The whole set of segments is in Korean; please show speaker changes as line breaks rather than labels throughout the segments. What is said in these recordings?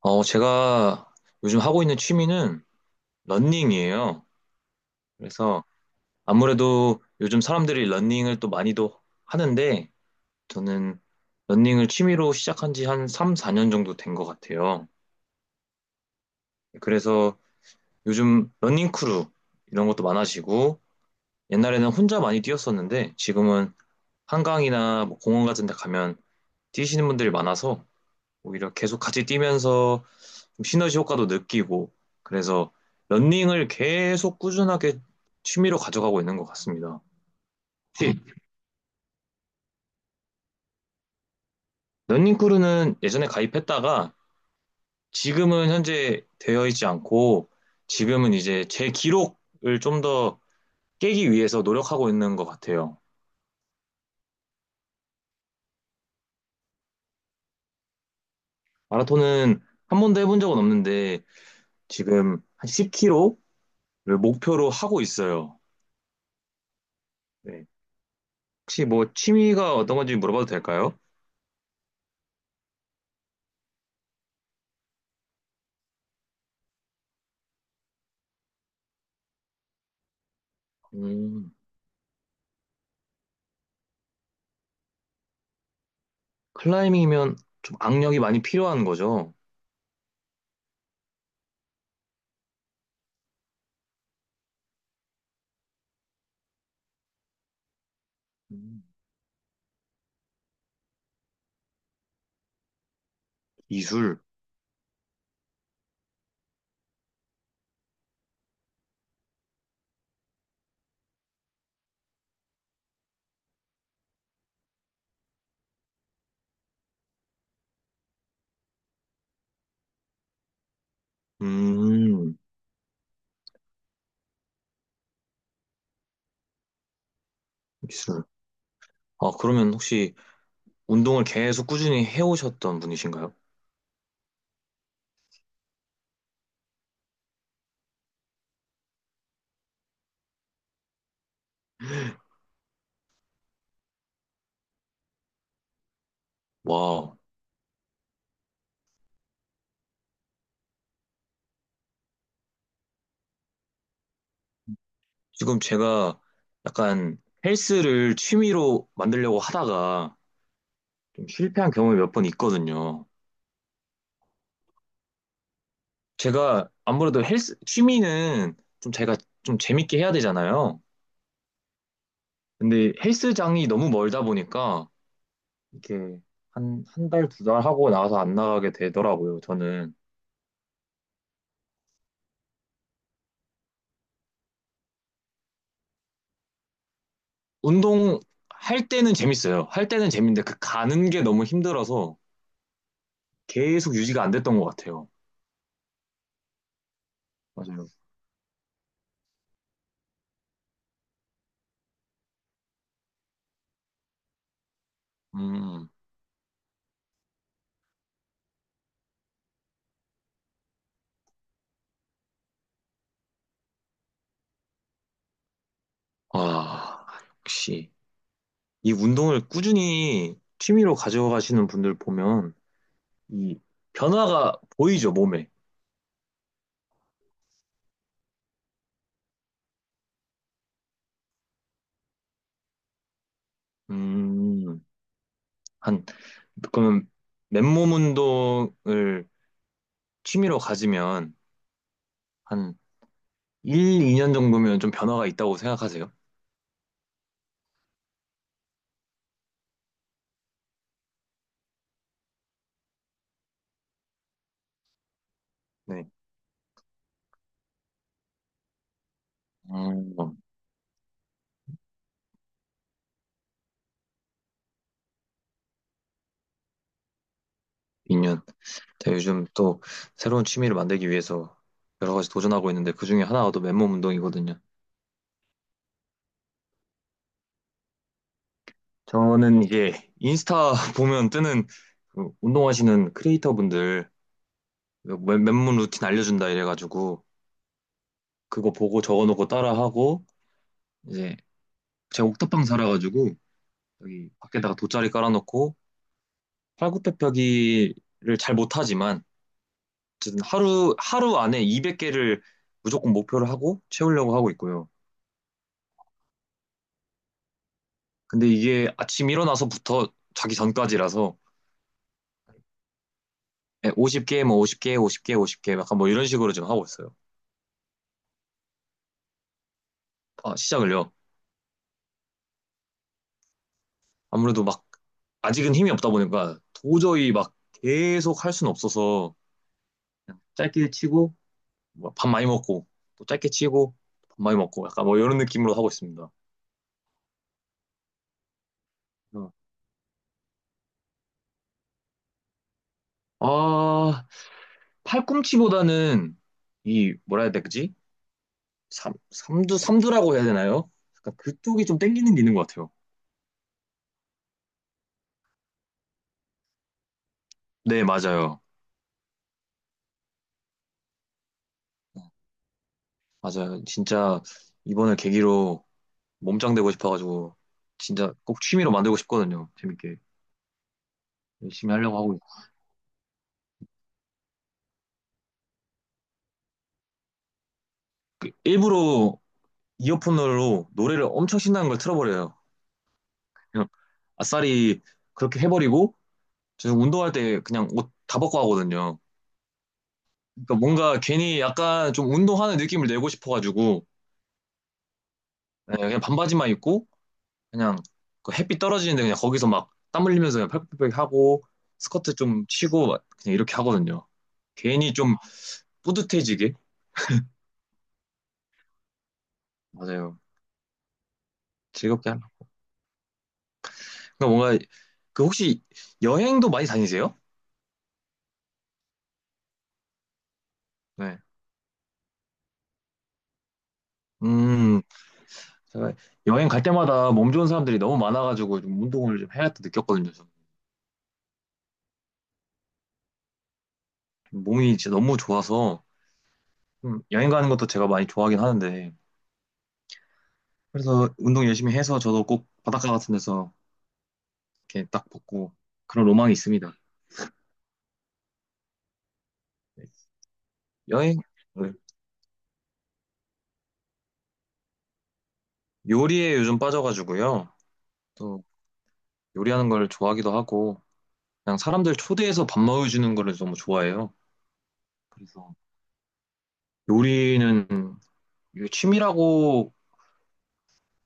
제가 요즘 하고 있는 취미는 러닝이에요. 그래서 아무래도 요즘 사람들이 러닝을 또 많이도 하는데 저는 러닝을 취미로 시작한 지 한 3, 4년 정도 된 것 같아요. 그래서 요즘 러닝 크루 이런 것도 많아지고 옛날에는 혼자 많이 뛰었었는데 지금은 한강이나 뭐 공원 같은 데 가면 뛰시는 분들이 많아서 오히려 계속 같이 뛰면서 좀 시너지 효과도 느끼고 그래서 런닝을 계속 꾸준하게 취미로 가져가고 있는 것 같습니다. 팁, 런닝크루는 예전에 가입했다가 지금은 현재 되어 있지 않고 지금은 이제 제 기록을 좀 더 깨기 위해서 노력하고 있는 것 같아요. 마라톤은 한 번도 해본 적은 없는데 지금 한 10km를 목표로 하고 있어요. 네. 혹시 뭐 취미가 어떤 건지 물어봐도 될까요? 음. 클라이밍이면 좀 악력이 많이 필요한 거죠. 음. 기술. 음, 기술. 아, 그러면 혹시 운동을 계속 꾸준히 해오셨던 분이신가요? 와, 지금 제가 약간 헬스를 취미로 만들려고 하다가 좀 실패한 경험이 몇 번 있거든요. 제가 아무래도 헬스, 취미는 좀 제가 좀 재밌게 해야 되잖아요. 근데 헬스장이 너무 멀다 보니까 이렇게 한 달, 두 달 하고 나와서 안 나가게 되더라고요, 저는. 운동 할 때는 재밌어요. 할 때는 재밌는데 그 가는 게 너무 힘들어서 계속 유지가 안 됐던 것 같아요. 맞아요. 음, 와, 역시 이 운동을 꾸준히 취미로 가져가시는 분들 보면 이 변화가 보이죠, 몸에. 음, 한, 그러면 맨몸 운동을 취미로 가지면 한 1, 2년 정도면 좀 변화가 있다고 생각하세요? 네. 음, 2년. 제가 요즘 또 새로운 취미를 만들기 위해서 여러 가지 도전하고 있는데 그중에 하나가 또 맨몸 운동이거든요. 저는 이게 인스타 보면 뜨는 그 운동하시는 크리에이터 분들 맨몸 루틴 알려준다 이래가지고 그거 보고 적어놓고 따라하고 이제 제가 옥탑방 살아가지고 여기 밖에다가 돗자리 깔아놓고 팔굽혀펴기를 잘 못하지만 어쨌든 하루 안에 200개를 무조건 목표를 하고 채우려고 하고 있고요. 근데 이게 아침 일어나서부터 자기 전까지라서 50개, 뭐 50개, 50개, 50개 약간 뭐 이런 식으로 지금 하고 있어요. 아, 시작을요. 아무래도 막 아직은 힘이 없다 보니까 도저히 막 계속 할 수는 없어서 그냥 짧게 치고 뭐밥 많이 먹고 또 짧게 치고 밥 많이 먹고 약간 뭐 이런 느낌으로 하고 있습니다. 어. 아, 팔꿈치보다는 이 뭐라 해야 되지? 삼, 삼두, 삼두라고 해야 되나요? 약간 그쪽이 좀 땡기는 게 있는 것 같아요. 네, 맞아요. 맞아요. 진짜 이번을 계기로 몸짱되고 싶어가지고 진짜 꼭 취미로 만들고 싶거든요. 재밌게 열심히 하려고 하고 있- 그 일부러 이어폰으로 노래를 엄청 신나는 걸 틀어버려요. 그냥 아싸리 그렇게 해버리고 저 운동할 때 그냥 옷 다 벗고 하거든요. 그러니까 뭔가 괜히 약간 좀 운동하는 느낌을 내고 싶어가지고 네, 그냥 반바지만 입고 그냥 그 햇빛 떨어지는데 그냥 거기서 막 땀 흘리면서 그냥 펄펄펄 하고 스커트 좀 치고 막 그냥 이렇게 하거든요. 괜히 좀 뿌듯해지게. 맞아요. 즐겁게 하라. 그러니까 뭔가 그 혹시 여행도 많이 다니세요? 네. 음, 제가 여행 갈 때마다 몸 좋은 사람들이 너무 많아가지고 좀 운동을 좀 해야겠다 느꼈거든요. 저는. 몸이 진짜 너무 좋아서 좀 여행 가는 것도 제가 많이 좋아하긴 하는데 그래서 운동 열심히 해서 저도 꼭 바닷가 같은 데서 이렇게 딱 벗고 그런 로망이 있습니다. 네. 여행, 네. 요리에 요즘 빠져가지고요. 또 요리하는 걸 좋아하기도 하고 그냥 사람들 초대해서 밥 먹여주는 거를 너무 좋아해요. 그래서 요리는 이게 취미라고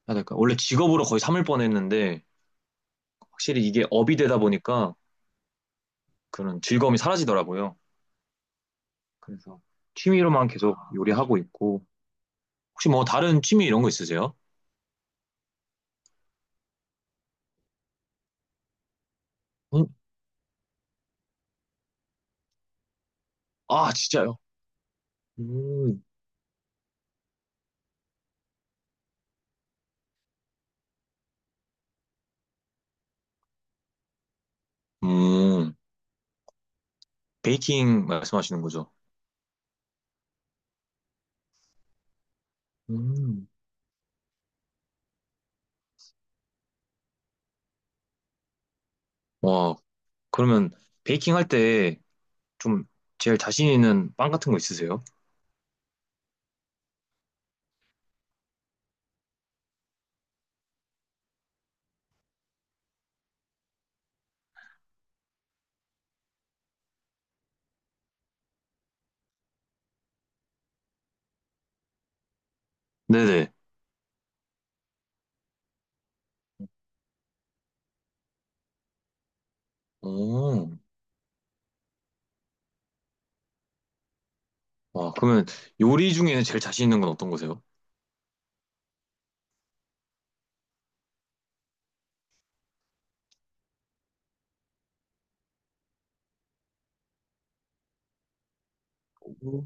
해야 될까? 원래 직업으로 거의 삼을 뻔했는데 확실히 이게 업이 되다 보니까 그런 즐거움이 사라지더라고요. 그래서 취미로만 계속 요리하고 있고 혹시 뭐 다른 취미 이런 거 있으세요? 응? 아 진짜요? 음, 음 베이킹 말씀하시는 거죠? 음. 와 그러면 베이킹 할 때 좀 제일 자신 있는 빵 같은 거 있으세요? 네네. 오, 와 그러면 요리 중에는 제일 자신 있는 건 어떤 거세요? 오,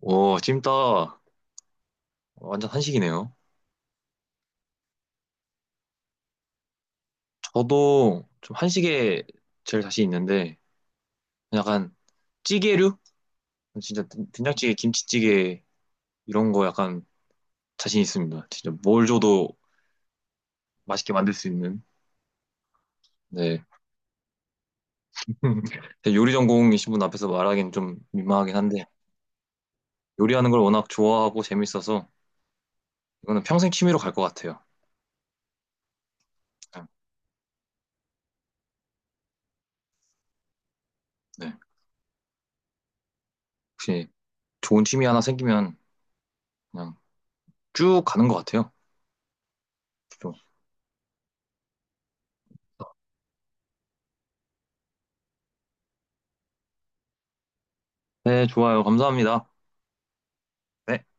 오, 찜닭 완전 한식이네요. 저도 좀 한식에 제일 자신 있는데 약간 찌개류? 진짜 된장찌개, 김치찌개 이런 거 약간 자신 있습니다. 진짜 뭘 줘도 맛있게 만들 수 있는. 네. 제 요리 전공이신 분 앞에서 말하기는 좀 민망하긴 한데 요리하는 걸 워낙 좋아하고 재밌어서 이거는 평생 취미로 갈 것 같아요. 그냥, 네. 혹시 좋은 취미 하나 생기면 그냥 쭉 가는 것 같아요. 좀. 네, 좋아요. 감사합니다. 네.